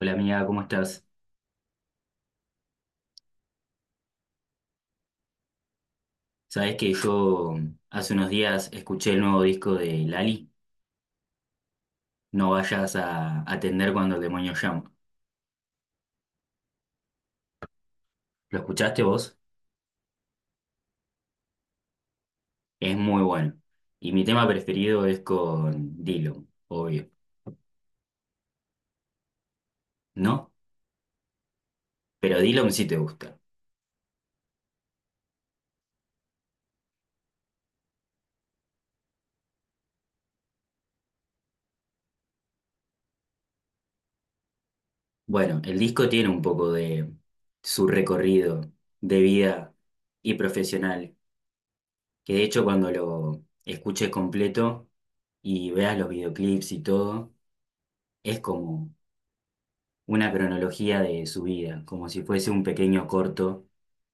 Hola amiga, ¿cómo estás? Sabes que yo hace unos días escuché el nuevo disco de Lali, no vayas a atender cuando el demonio llama. ¿Lo escuchaste vos? Es muy bueno. Y mi tema preferido es con Dillom, obvio, ¿no? Pero Dillom sí te gusta. Bueno, el disco tiene un poco de su recorrido de vida y profesional, que de hecho cuando lo escuches completo y veas los videoclips y todo, es como una cronología de su vida, como si fuese un pequeño corto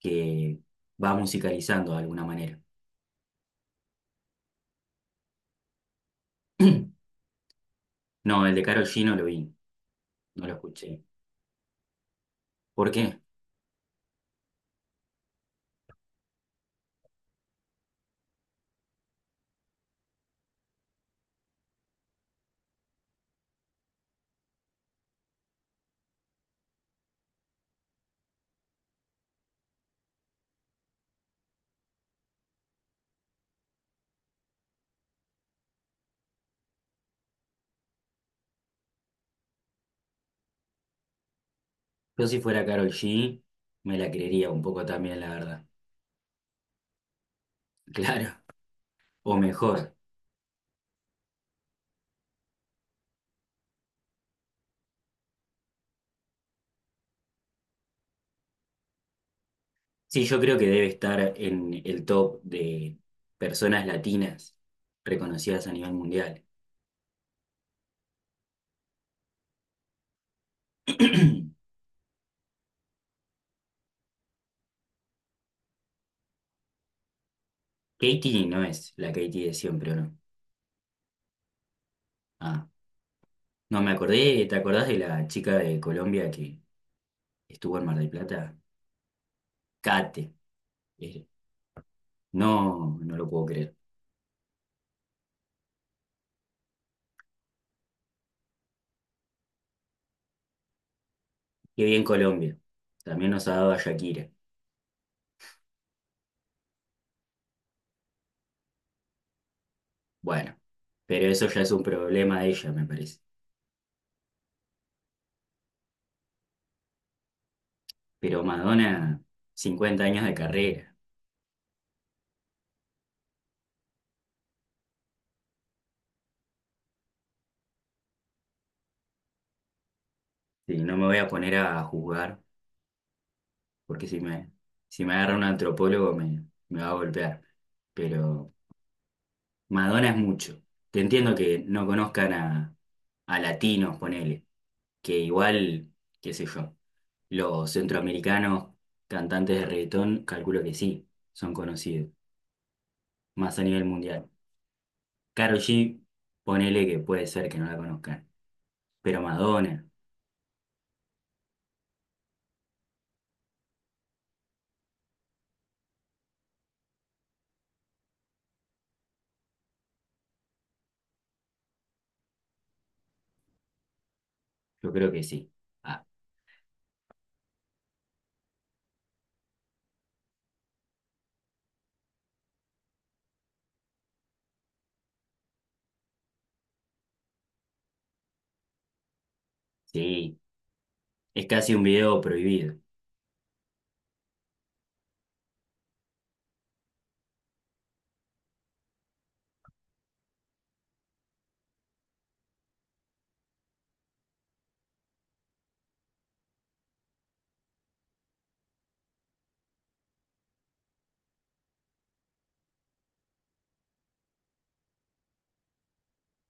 que va musicalizando de alguna manera. No, el de Karol G no lo vi, no lo escuché. ¿Por qué? Yo si fuera Karol G me la creería un poco también, la verdad. Claro, o mejor. Sí, yo creo que debe estar en el top de personas latinas reconocidas a nivel mundial. Katie no es la Katie de siempre, ¿o no? Ah, no me acordé, ¿te acordás de la chica de Colombia que estuvo en Mar del Plata? Cate. Eh, no, no lo puedo creer. Qué bien Colombia. También nos ha dado a Shakira. Bueno, pero eso ya es un problema de ella, me parece. Pero Madonna, 50 años de carrera. Sí, no me voy a poner a juzgar, porque si me agarra un antropólogo me va a golpear. Pero Madonna es mucho. Te entiendo que no conozcan a latinos, ponele. Que igual, qué sé yo. Los centroamericanos, cantantes de reggaetón, calculo que sí, son conocidos, más a nivel mundial. Karol G, ponele que puede ser que no la conozcan, pero Madonna, yo creo que sí. Ah, sí, es casi un video prohibido.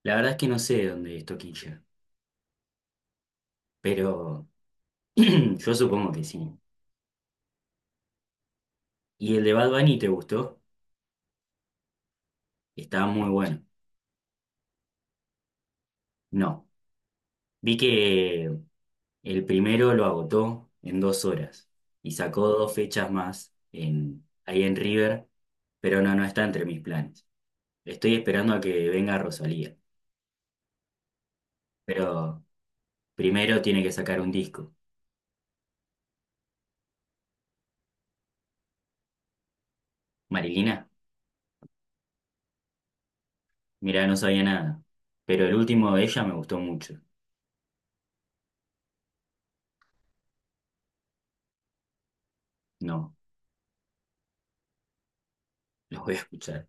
La verdad es que no sé dónde es Toquilla, pero yo supongo que sí. ¿Y el de Bad Bunny te gustó? Estaba muy bueno. No, vi que el primero lo agotó en dos horas y sacó dos fechas más en, ahí en River, pero no, no está entre mis planes. Estoy esperando a que venga Rosalía, pero primero tiene que sacar un disco. Marilina, mira, no sabía nada, pero el último de ella me gustó mucho. No, los voy a escuchar.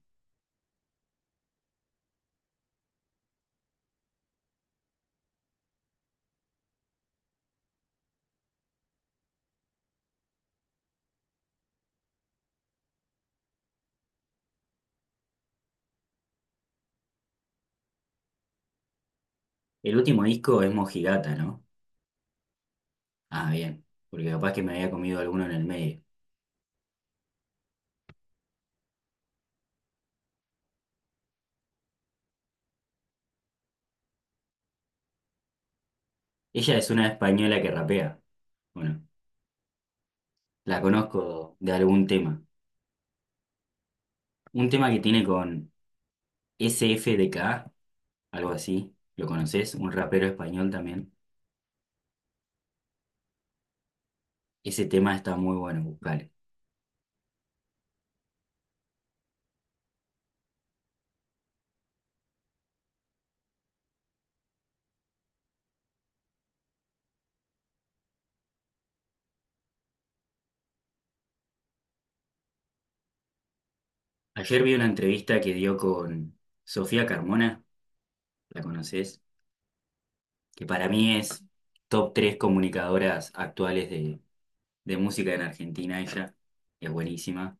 El último disco es Mojigata, ¿no? Ah, bien, porque capaz que me había comido alguno en el medio. Ella es una española que rapea. Bueno, la conozco de algún tema. Un tema que tiene con SFDK, algo así, ¿lo conoces? Un rapero español también. Ese tema está muy bueno, buscale. Ayer vi una entrevista que dio con Sofía Carmona, ¿la conoces? Que para mí es top 3 comunicadoras actuales de música en Argentina, ella es buenísima.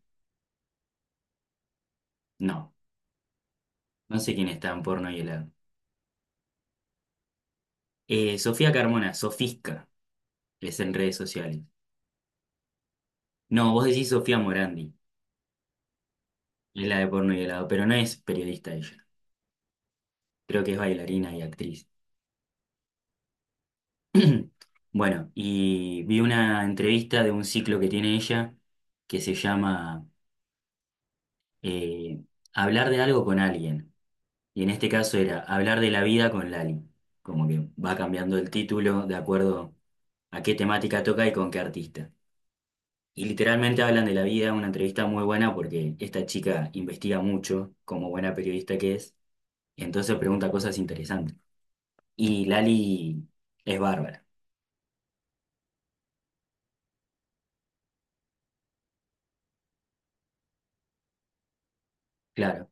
No, no sé quién está en porno y helado. Sofía Carmona, Sofisca, es en redes sociales. No, vos decís Sofía Morandi, es la de porno y helado, pero no es periodista ella, creo que es bailarina y actriz. Bueno, y vi una entrevista de un ciclo que tiene ella que se llama eh, hablar de algo con alguien. Y en este caso era hablar de la vida con Lali. Como que va cambiando el título de acuerdo a qué temática toca y con qué artista. Y literalmente hablan de la vida, una entrevista muy buena porque esta chica investiga mucho, como buena periodista que es, y entonces pregunta cosas interesantes. Y Lali es bárbara, claro.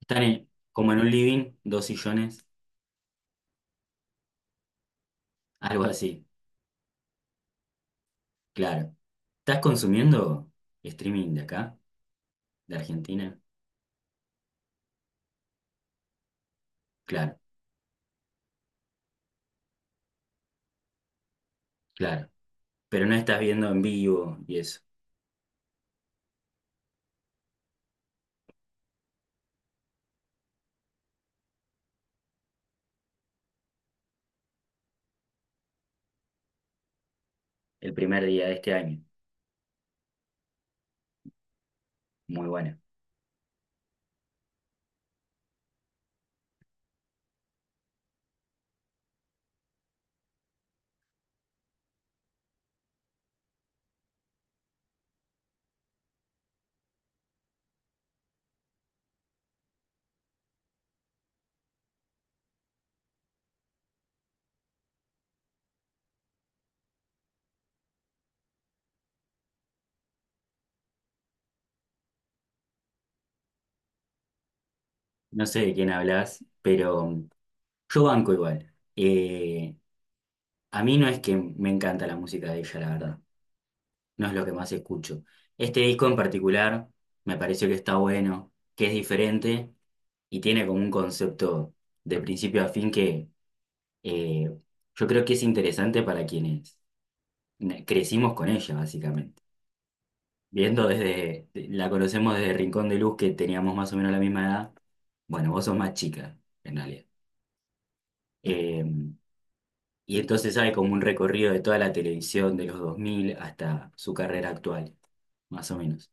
Están en- como en un living, dos sillones. Algo así, claro. ¿Estás consumiendo streaming de acá, de Argentina? Claro, claro. Pero no estás viendo en vivo y eso. El primer día de este año. Muy bueno. No sé de quién hablas, pero yo banco igual. A mí no es que me encanta la música de ella, la verdad. No es lo que más escucho. Este disco en particular me pareció que está bueno, que es diferente y tiene como un concepto de principio a fin que eh, yo creo que es interesante para quienes ne- crecimos con ella, básicamente. Viendo desde, la conocemos desde Rincón de Luz, que teníamos más o menos la misma edad. Bueno, vos sos más chica, en realidad. Eh, y entonces hay como un recorrido de toda la televisión de los 2000 hasta su carrera actual, más o menos.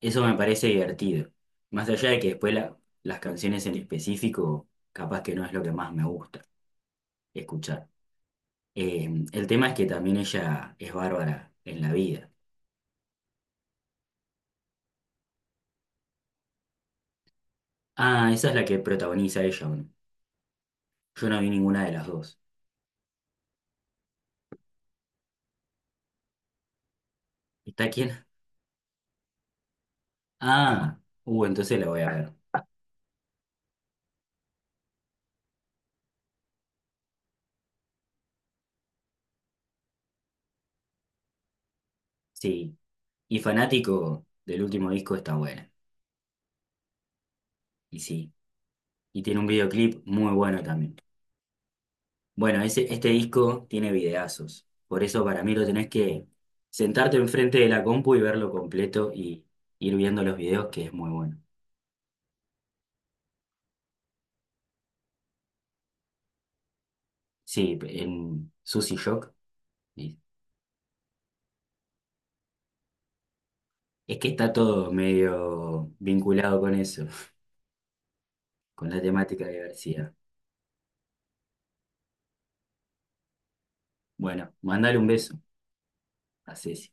Eso me parece divertido. Más allá de que después la- las canciones en específico, capaz que no es lo que más me gusta escuchar. El tema es que también ella es bárbara en la vida. Ah, esa es la que protagoniza ella, ¿o no? Yo no vi ninguna de las dos. ¿Está quién? Ah, entonces la voy a ver. Sí. Y fanático del último disco está buena. Y sí. Y tiene un videoclip muy bueno también. Bueno, ese, este disco tiene videazos. Por eso para mí lo tenés que sentarte enfrente de la compu y verlo completo y ir viendo los videos, que es muy bueno. Sí, en Sushi Shock. Sí. Es que está todo medio vinculado con eso, con la temática de diversidad. Bueno, mandale un beso a Ceci.